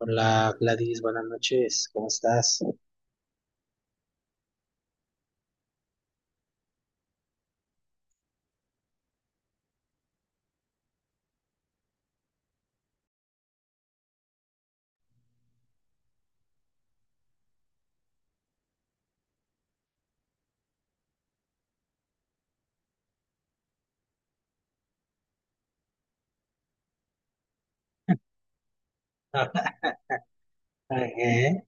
Hola Gladys, buenas noches, ¿cómo estás? Ah, ajé.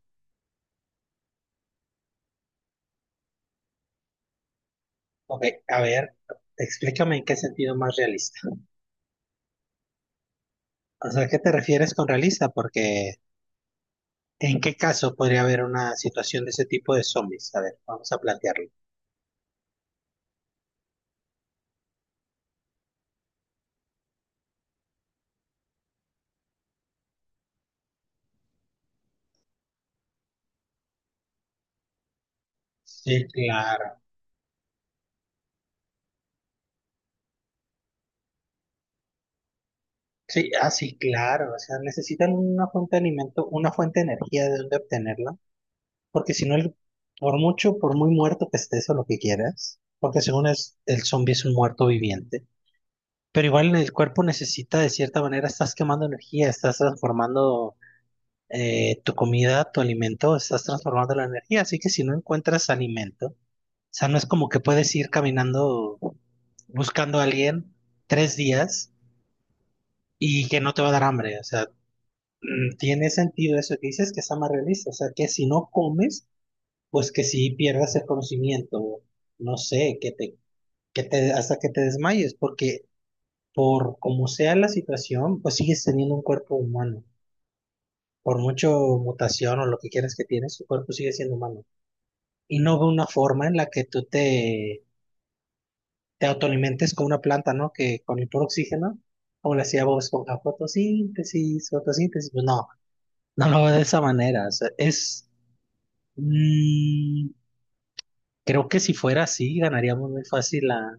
Ok, a ver, explícame en qué sentido más realista. O sea, ¿qué te refieres con realista? Porque, ¿en qué caso podría haber una situación de ese tipo de zombies? A ver, vamos a plantearlo. Sí, claro. Sí, ah, sí, claro. O sea, necesitan una fuente de alimento, una fuente de energía de dónde obtenerla. Porque si no, por mucho, por muy muerto que estés o lo que quieras, porque según es, el zombie es un muerto viviente. Pero igual el cuerpo necesita, de cierta manera, estás quemando energía, estás transformando tu comida, tu alimento, estás transformando la energía. Así que si no encuentras alimento, o sea, no es como que puedes ir caminando buscando a alguien tres días y que no te va a dar hambre. O sea, mm, tiene sentido eso que dices, que está más realista. O sea, que si no comes, pues que si pierdas el conocimiento, no sé, que te, hasta que te desmayes, porque por como sea la situación, pues sigues teniendo un cuerpo humano. Por mucho mutación o lo que quieras que tienes, tu cuerpo sigue siendo humano. Y no veo una forma en la que te autoalimentes con una planta, ¿no? Que con el puro oxígeno, como le hacía Bob Esponja, fotosíntesis, fotosíntesis. Pues no, no lo veo de esa manera. O sea, es, mm, creo que si fuera así, ganaríamos muy fácil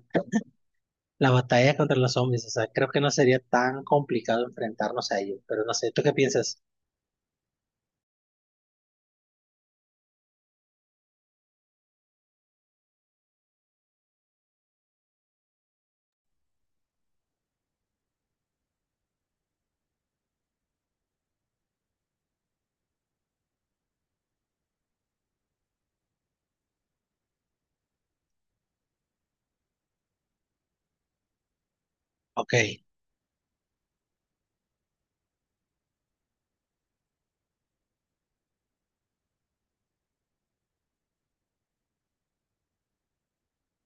la batalla contra los zombies. O sea, creo que no sería tan complicado enfrentarnos a ellos. Pero no sé, ¿tú qué piensas? Ok.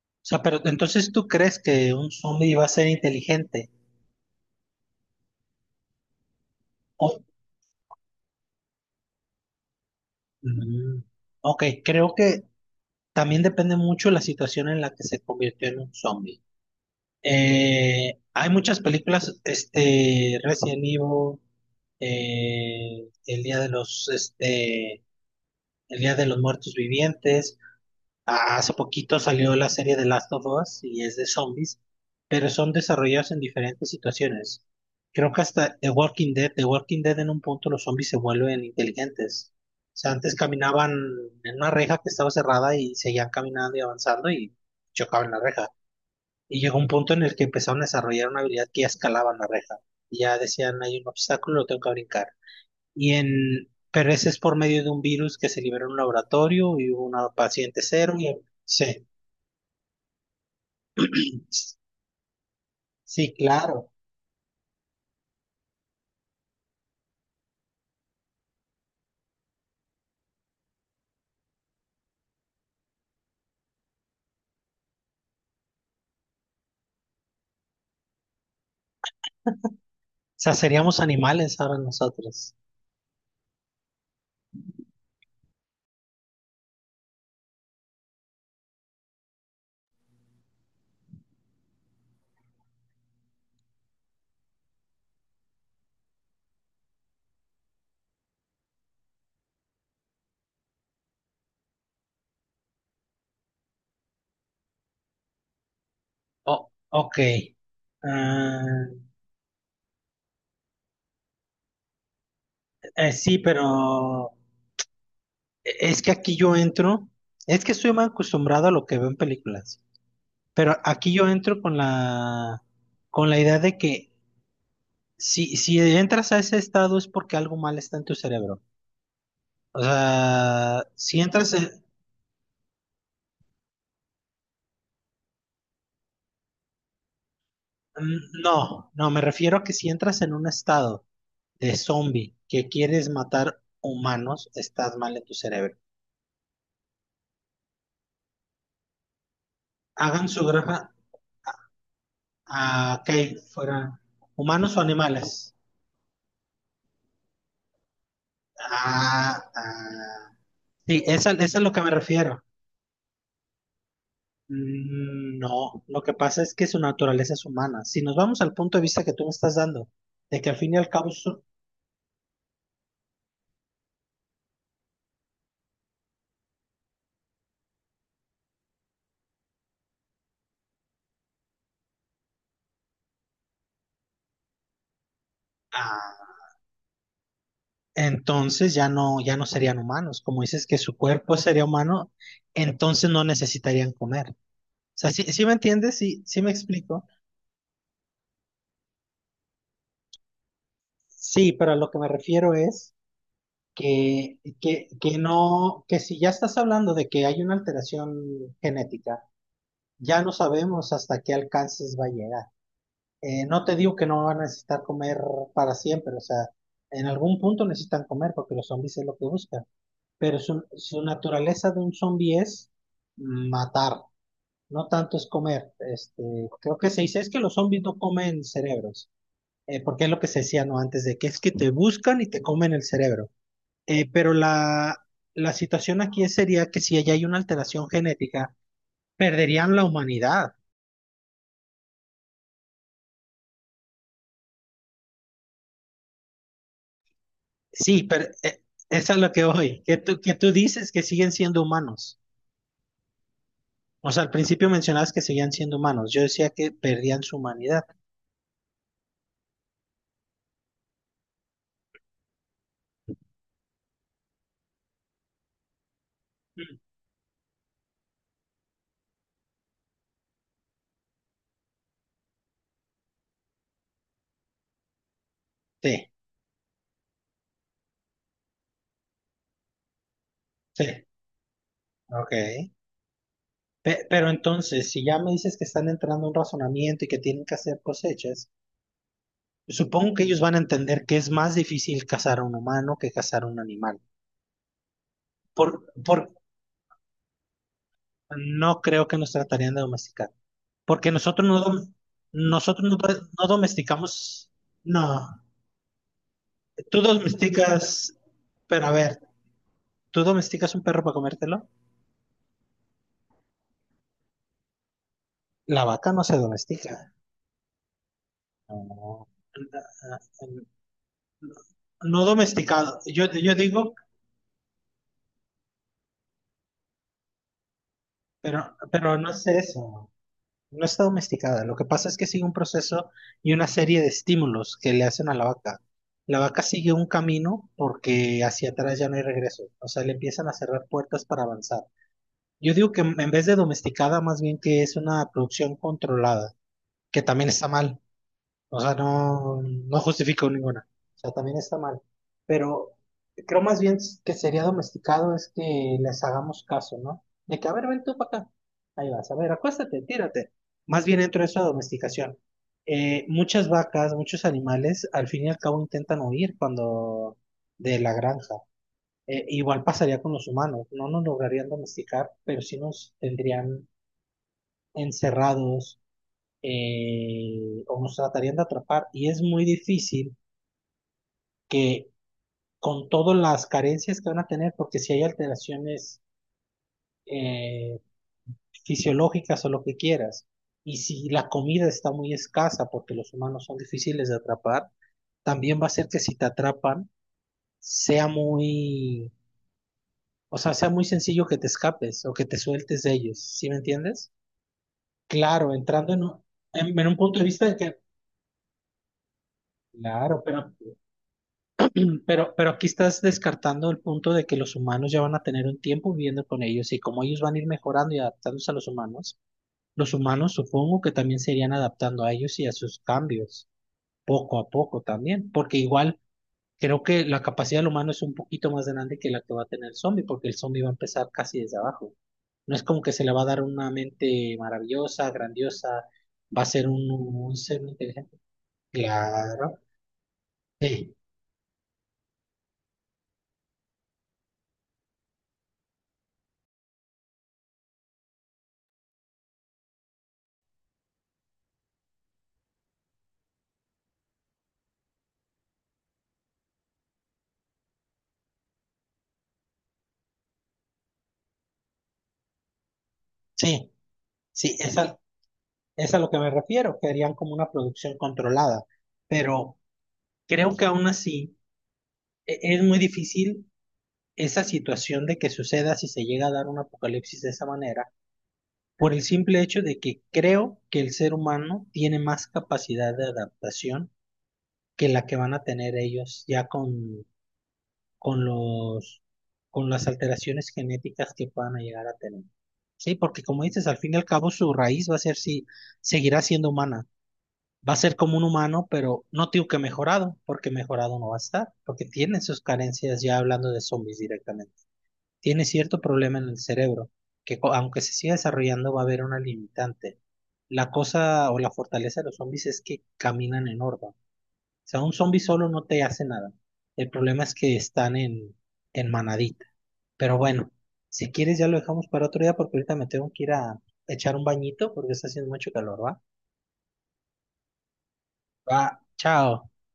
O sea, pero entonces tú crees que un zombie va a ser inteligente. O- Mm, ok, creo que también depende mucho la situación en la que se convirtió en un zombie. Hay muchas películas, este, Resident Evil, El Día de los, este, El Día de los Muertos Vivientes. Ah, hace poquito salió la serie de Last of Us y es de zombies, pero son desarrollados en diferentes situaciones. Creo que hasta The Walking Dead, The Walking Dead en un punto los zombies se vuelven inteligentes. O sea, antes caminaban en una reja que estaba cerrada y seguían caminando y avanzando y chocaban la reja. Y llegó un punto en el que empezaron a desarrollar una habilidad que ya escalaban la reja. Y ya decían, hay un obstáculo, lo tengo que brincar. Pero ese es por medio de un virus que se liberó en un laboratorio y hubo una paciente cero y sí. Sí, claro. O sea, seríamos animales ahora nosotros. Oh, ok. Ah, sí, pero es que aquí yo entro, es que estoy más acostumbrado a lo que veo en películas, pero aquí yo entro con con la idea de que si entras a ese estado es porque algo mal está en tu cerebro. O sea, si entras en, mm, no, no, me refiero a que si entras en un estado de zombie que quieres matar humanos, estás mal en tu cerebro. Hagan su granja a que fueran humanos o animales. Ah, ah. Sí, eso es a lo que me refiero. Mm, no, lo que pasa es que su naturaleza es humana. Si nos vamos al punto de vista que tú me estás dando, de que al fin y al cabo, son... ah, entonces ya no, ya no serían humanos. Como dices que su cuerpo sería humano, entonces no necesitarían comer. O sea, ¿sí, sí me entiendes? Sí, sí me explico. Sí, pero a lo que me refiero es que no, que si ya estás hablando de que hay una alteración genética, ya no sabemos hasta qué alcances va a llegar. No te digo que no van a necesitar comer para siempre, o sea, en algún punto necesitan comer porque los zombies es lo que buscan, pero su naturaleza de un zombie es matar, no tanto es comer. Este, creo que se dice es que los zombies no comen cerebros, porque es lo que se decía no antes de que es que te buscan y te comen el cerebro. Pero la situación aquí sería que si allá hay una alteración genética, perderían la humanidad. Sí, pero eso es lo que voy, que tú dices que siguen siendo humanos. O sea, al principio mencionabas que seguían siendo humanos. Yo decía que perdían su humanidad. Mm. Sí, sí, ok. Pero entonces, si ya me dices que están entrando en un razonamiento y que tienen que hacer cosechas, supongo que ellos van a entender que es más difícil cazar a un humano que cazar a un animal. Por, por- No creo que nos tratarían de domesticar, porque nosotros no, no domesticamos, no, tú domesticas, pero a ver, ¿tú domesticas un perro para comértelo? La vaca no se domestica. No, no, no, no domesticado, yo digo, pero no es eso. No está domesticada. Lo que pasa es que sigue un proceso y una serie de estímulos que le hacen a la vaca. La vaca sigue un camino porque hacia atrás ya no hay regreso. O sea, le empiezan a cerrar puertas para avanzar. Yo digo que en vez de domesticada, más bien que es una producción controlada, que también está mal. O sea, no, no justifico ninguna. O sea, también está mal. Pero creo más bien que sería domesticado es que les hagamos caso, ¿no? De que, a ver, ven tú para acá. Ahí vas, a ver, acuéstate, tírate. Más bien dentro de esa domesticación. Muchas vacas, muchos animales, al fin y al cabo intentan huir cuando de la granja. Igual pasaría con los humanos. No nos lograrían domesticar, pero sí nos tendrían encerrados o nos tratarían de atrapar. Y es muy difícil que con todas las carencias que van a tener, porque si hay alteraciones eh, fisiológicas o lo que quieras, y si la comida está muy escasa, porque los humanos son difíciles de atrapar, también va a ser que si te atrapan, sea muy, o sea, sea muy sencillo que te escapes o que te sueltes de ellos, ¿sí me entiendes? Claro, en un punto de vista de que, claro, pero... pero aquí estás descartando el punto de que los humanos ya van a tener un tiempo viviendo con ellos y como ellos van a ir mejorando y adaptándose a los humanos supongo que también se irían adaptando a ellos y a sus cambios, poco a poco también, porque igual creo que la capacidad del humano es un poquito más grande que la que va a tener el zombie, porque el zombie va a empezar casi desde abajo. No es como que se le va a dar una mente maravillosa, grandiosa, va a ser un ser inteligente. Claro. Sí, sí, sí, esa... es a lo que me refiero, que harían como una producción controlada, pero creo que aún así es muy difícil esa situación de que suceda si se llega a dar un apocalipsis de esa manera, por el simple hecho de que creo que el ser humano tiene más capacidad de adaptación que la que van a tener ellos ya con los, con las alteraciones genéticas que puedan llegar a tener. Sí, porque como dices, al fin y al cabo su raíz va a ser si seguirá siendo humana. Va a ser como un humano, pero no digo que mejorado, porque mejorado no va a estar, porque tiene sus carencias ya hablando de zombies directamente. Tiene cierto problema en el cerebro, aunque se siga desarrollando va a haber una limitante. La cosa o la fortaleza de los zombies es que caminan en horda. O sea, un zombie solo no te hace nada. El problema es que están en manadita. Pero bueno, si quieres ya lo dejamos para otro día porque ahorita me tengo que ir a echar un bañito porque está haciendo mucho calor, ¿va? Va, chao.